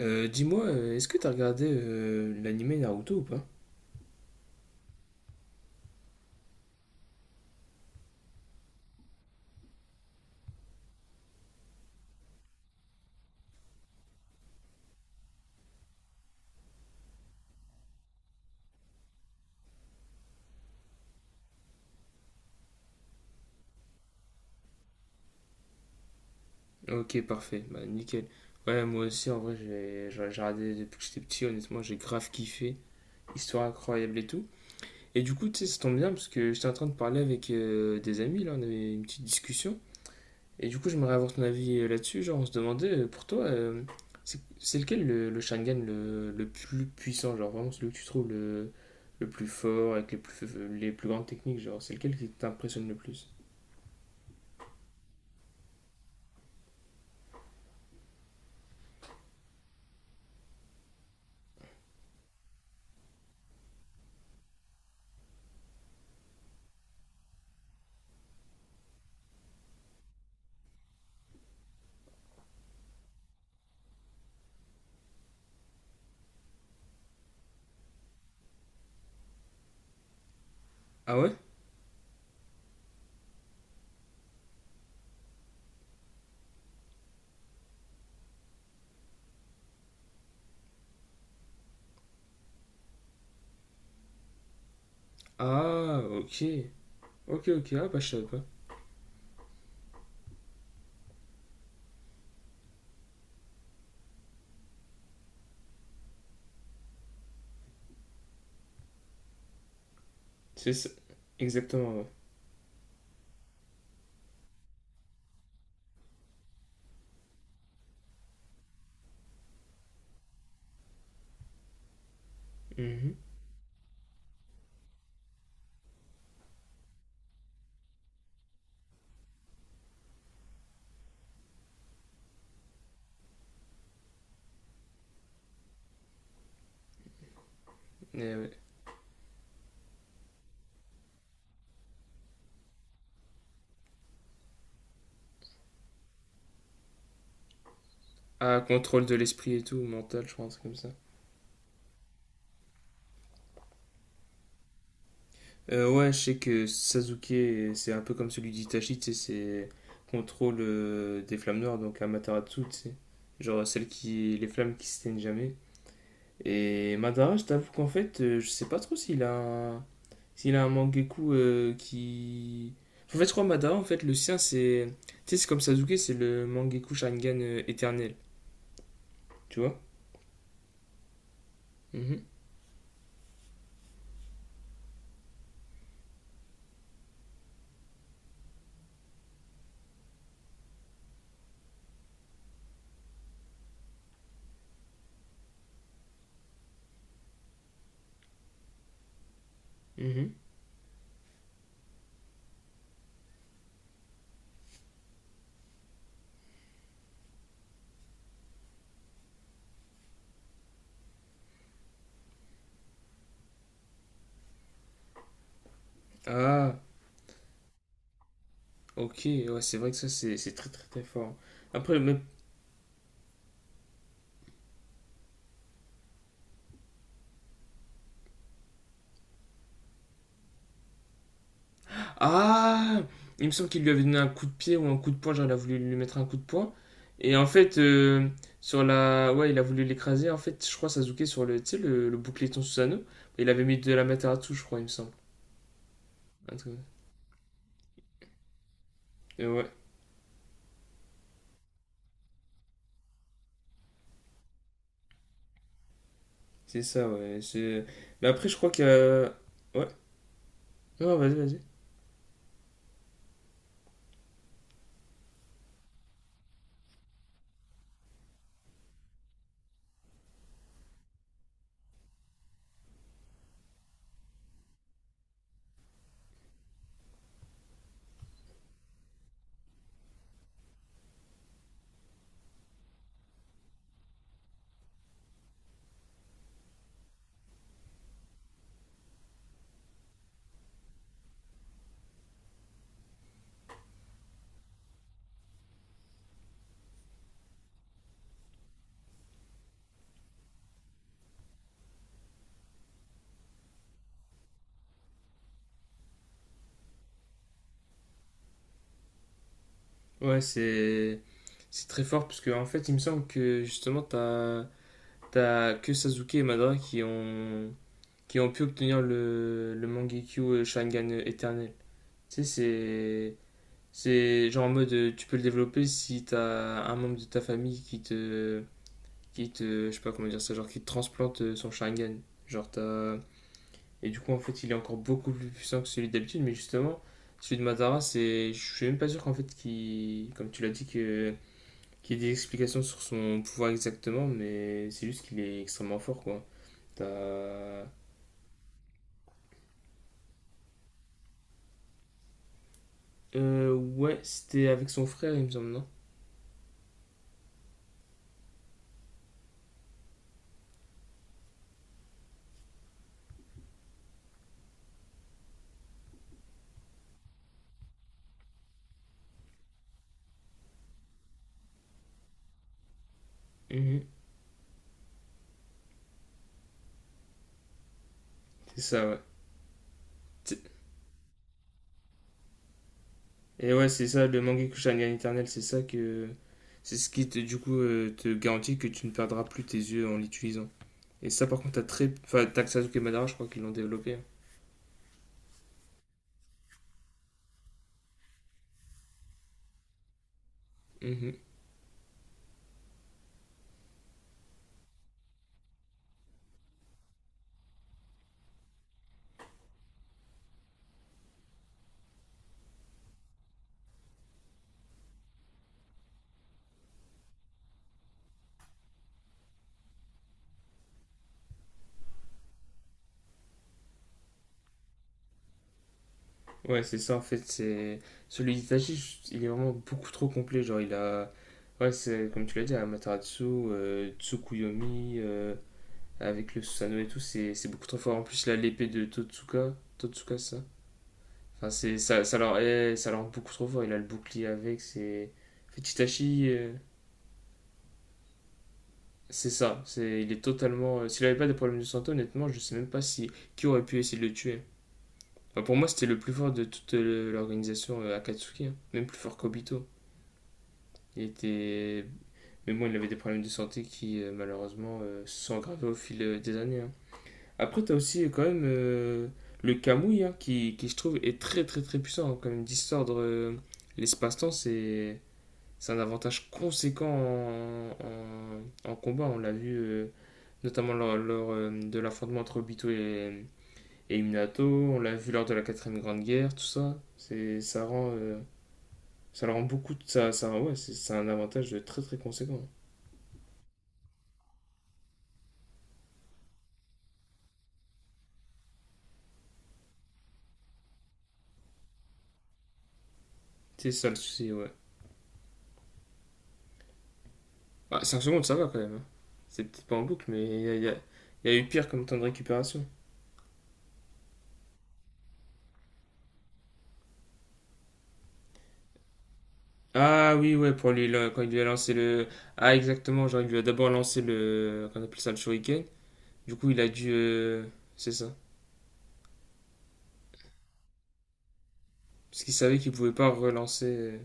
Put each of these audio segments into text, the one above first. Dis-moi, est-ce que t'as regardé l'anime Naruto ou pas? Ok, parfait, bah nickel. Ouais, moi aussi, en vrai, j'ai regardé depuis que j'étais petit, honnêtement, j'ai grave kiffé. Histoire incroyable et tout. Et du coup, tu sais, ça tombe bien parce que j'étais en train de parler avec des amis, là, on avait une petite discussion. Et du coup, j'aimerais avoir ton avis là-dessus. Genre, on se demandait, pour toi, c'est lequel le Sharingan le plus puissant? Genre, vraiment, celui que tu trouves le plus fort, avec les plus grandes techniques, genre, c'est lequel qui t'impressionne le plus? Ah ouais? Ah, ok. Ok, ok. Ah, bah, je savais pas. C'est ça. Exactement, ouais. Mhm. Et ouais. Ah, contrôle de l'esprit et tout, mental, je pense, comme ça. Ouais, je sais que Sasuke, c'est un peu comme celui d'Itachi, tu sais, c'est contrôle des flammes noires, donc Amaterasu, tu sais. Genre, celle qui. Les flammes qui s'éteignent jamais. Et Madara, je t'avoue qu'en fait, je sais pas trop un... s'il a un Mangekyou qui... En fait, je crois que Madara, en fait, le sien, c'est... Tu sais, c'est comme Sasuke, c'est le Mangekyou Sharingan éternel, tu vois? Mhm, mhm. Ah, ok, ouais, c'est vrai que ça, c'est très très très fort. Après, même Ah, il me semble qu'il lui avait donné un coup de pied ou un coup de poing, genre il a voulu lui mettre un coup de poing. Et en fait, sur la... Ouais, il a voulu l'écraser. En fait, je crois Sasuke sur le, tu sais, le boucleton Susanoo, il avait mis de la Materatsu, je crois, il me semble. Un truc- Et ouais, c'est ça, Mais après, je crois que... Ouais, non, vas-y. Ouais, c'est... C'est très fort, parce que en fait, il me semble que, justement, t'as... T'as que Sasuke et Madara qui ont pu obtenir le Mangekyo Sharingan éternel. Tu sais, c'est. C'est genre en mode, tu peux le développer si t'as un membre de ta famille qui te. Qui te. Je sais pas comment dire ça, genre qui te transplante son Sharingan. Genre t'as. Et du coup, en fait, il est encore beaucoup plus puissant que celui d'habitude, mais justement, celui de Madara, c'est. Je suis même pas sûr qu'en fait, qu'il. Comme tu l'as dit, que. Qu'il y ait des explications sur son pouvoir exactement, mais c'est juste qu'il est extrêmement fort, quoi. T'as. Ouais, c'était avec son frère, il me semble, non? Mhm. C'est ça, ouais. Et ouais, c'est ça, le Mangekyou Gun éternel, c'est ça que. C'est ce qui, te, du coup, te garantit que tu ne perdras plus tes yeux en l'utilisant. Et ça, par contre, t'as très. Enfin, t'as que Sasuke et Madara, je crois qu'ils l'ont développé, hein. Mhm. Ouais, c'est ça, en fait, c'est Celui d'Itachi, il est vraiment beaucoup trop complet. Genre, il a. Ouais, c'est comme tu l'as dit, Amaterasu, Tsukuyomi, avec le Susanoo et tout, c'est beaucoup trop fort. En plus, là, l'épée de Totsuka. Totsuka, ça. Enfin, c'est, ça, leur est, ça leur rend beaucoup trop fort. Il a le bouclier avec. C'est... En fait, Chitachi, c'est ça. C'est, il est totalement. S'il avait pas des problèmes de santé, honnêtement, je sais même pas si, qui aurait pu essayer de le tuer. Enfin, pour moi, c'était le plus fort de toute l'organisation Akatsuki, hein. Même plus fort qu'Obito. Il était. Mais bon, il avait des problèmes de santé qui, malheureusement, se sont aggravés au fil des années, hein. Après, t'as aussi quand même le Kamui, hein, qui, je trouve, est très très très puissant, hein. Quand même, distordre l'espace-temps, c'est un avantage conséquent en- en combat. On l'a vu notamment lors, de l'affrontement entre Obito et Minato. On l'a vu lors de la quatrième grande guerre, tout ça. C'est, ça rend, ça le rend beaucoup. Ça, ouais, c'est un avantage très très conséquent. C'est ça le souci, ouais. Ah, 5 secondes, ça va quand même, hein. C'est peut-être pas en boucle, mais il y a- y a eu pire comme temps de récupération. Ah oui, ouais, pour lui, là, quand il lui a lancé le. Ah, exactement, genre il lui a d'abord lancé le. Qu'on appelle ça le shuriken. Du coup, il a dû. C'est ça. Parce qu'il savait qu'il pouvait pas relancer.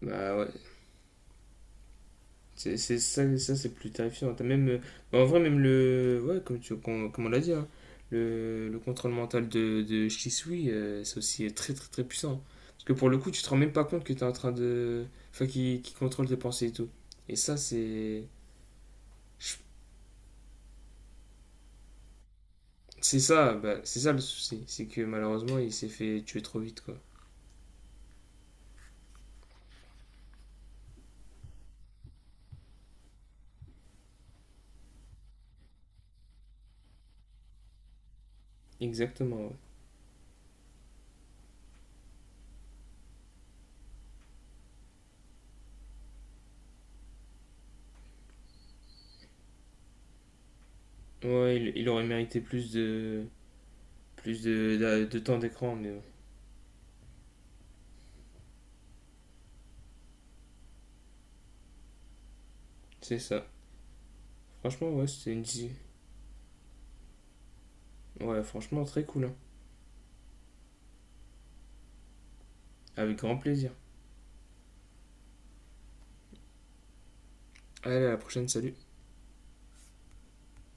Bah ouais. C'est ça, ça c'est plus terrifiant. T'as même. Bah, en vrai, même le. Ouais, comme, tu, com- comme on l'a dit, hein, le contrôle mental de Shisui, c'est aussi très très très puissant. Parce que pour le coup, tu te rends même pas compte que t'es en train de. Enfin, qui contrôle tes pensées et tout. Et ça, c'est. C'est ça, bah, c'est ça le souci. C'est que malheureusement, il s'est fait tuer trop vite, quoi. Exactement, ouais. Ouais, il aurait mérité plus de temps d'écran, mais bon, c'est ça. Franchement, ouais, c'était une. Ouais, franchement, très cool, hein. Avec grand plaisir. Allez, à la prochaine, salut.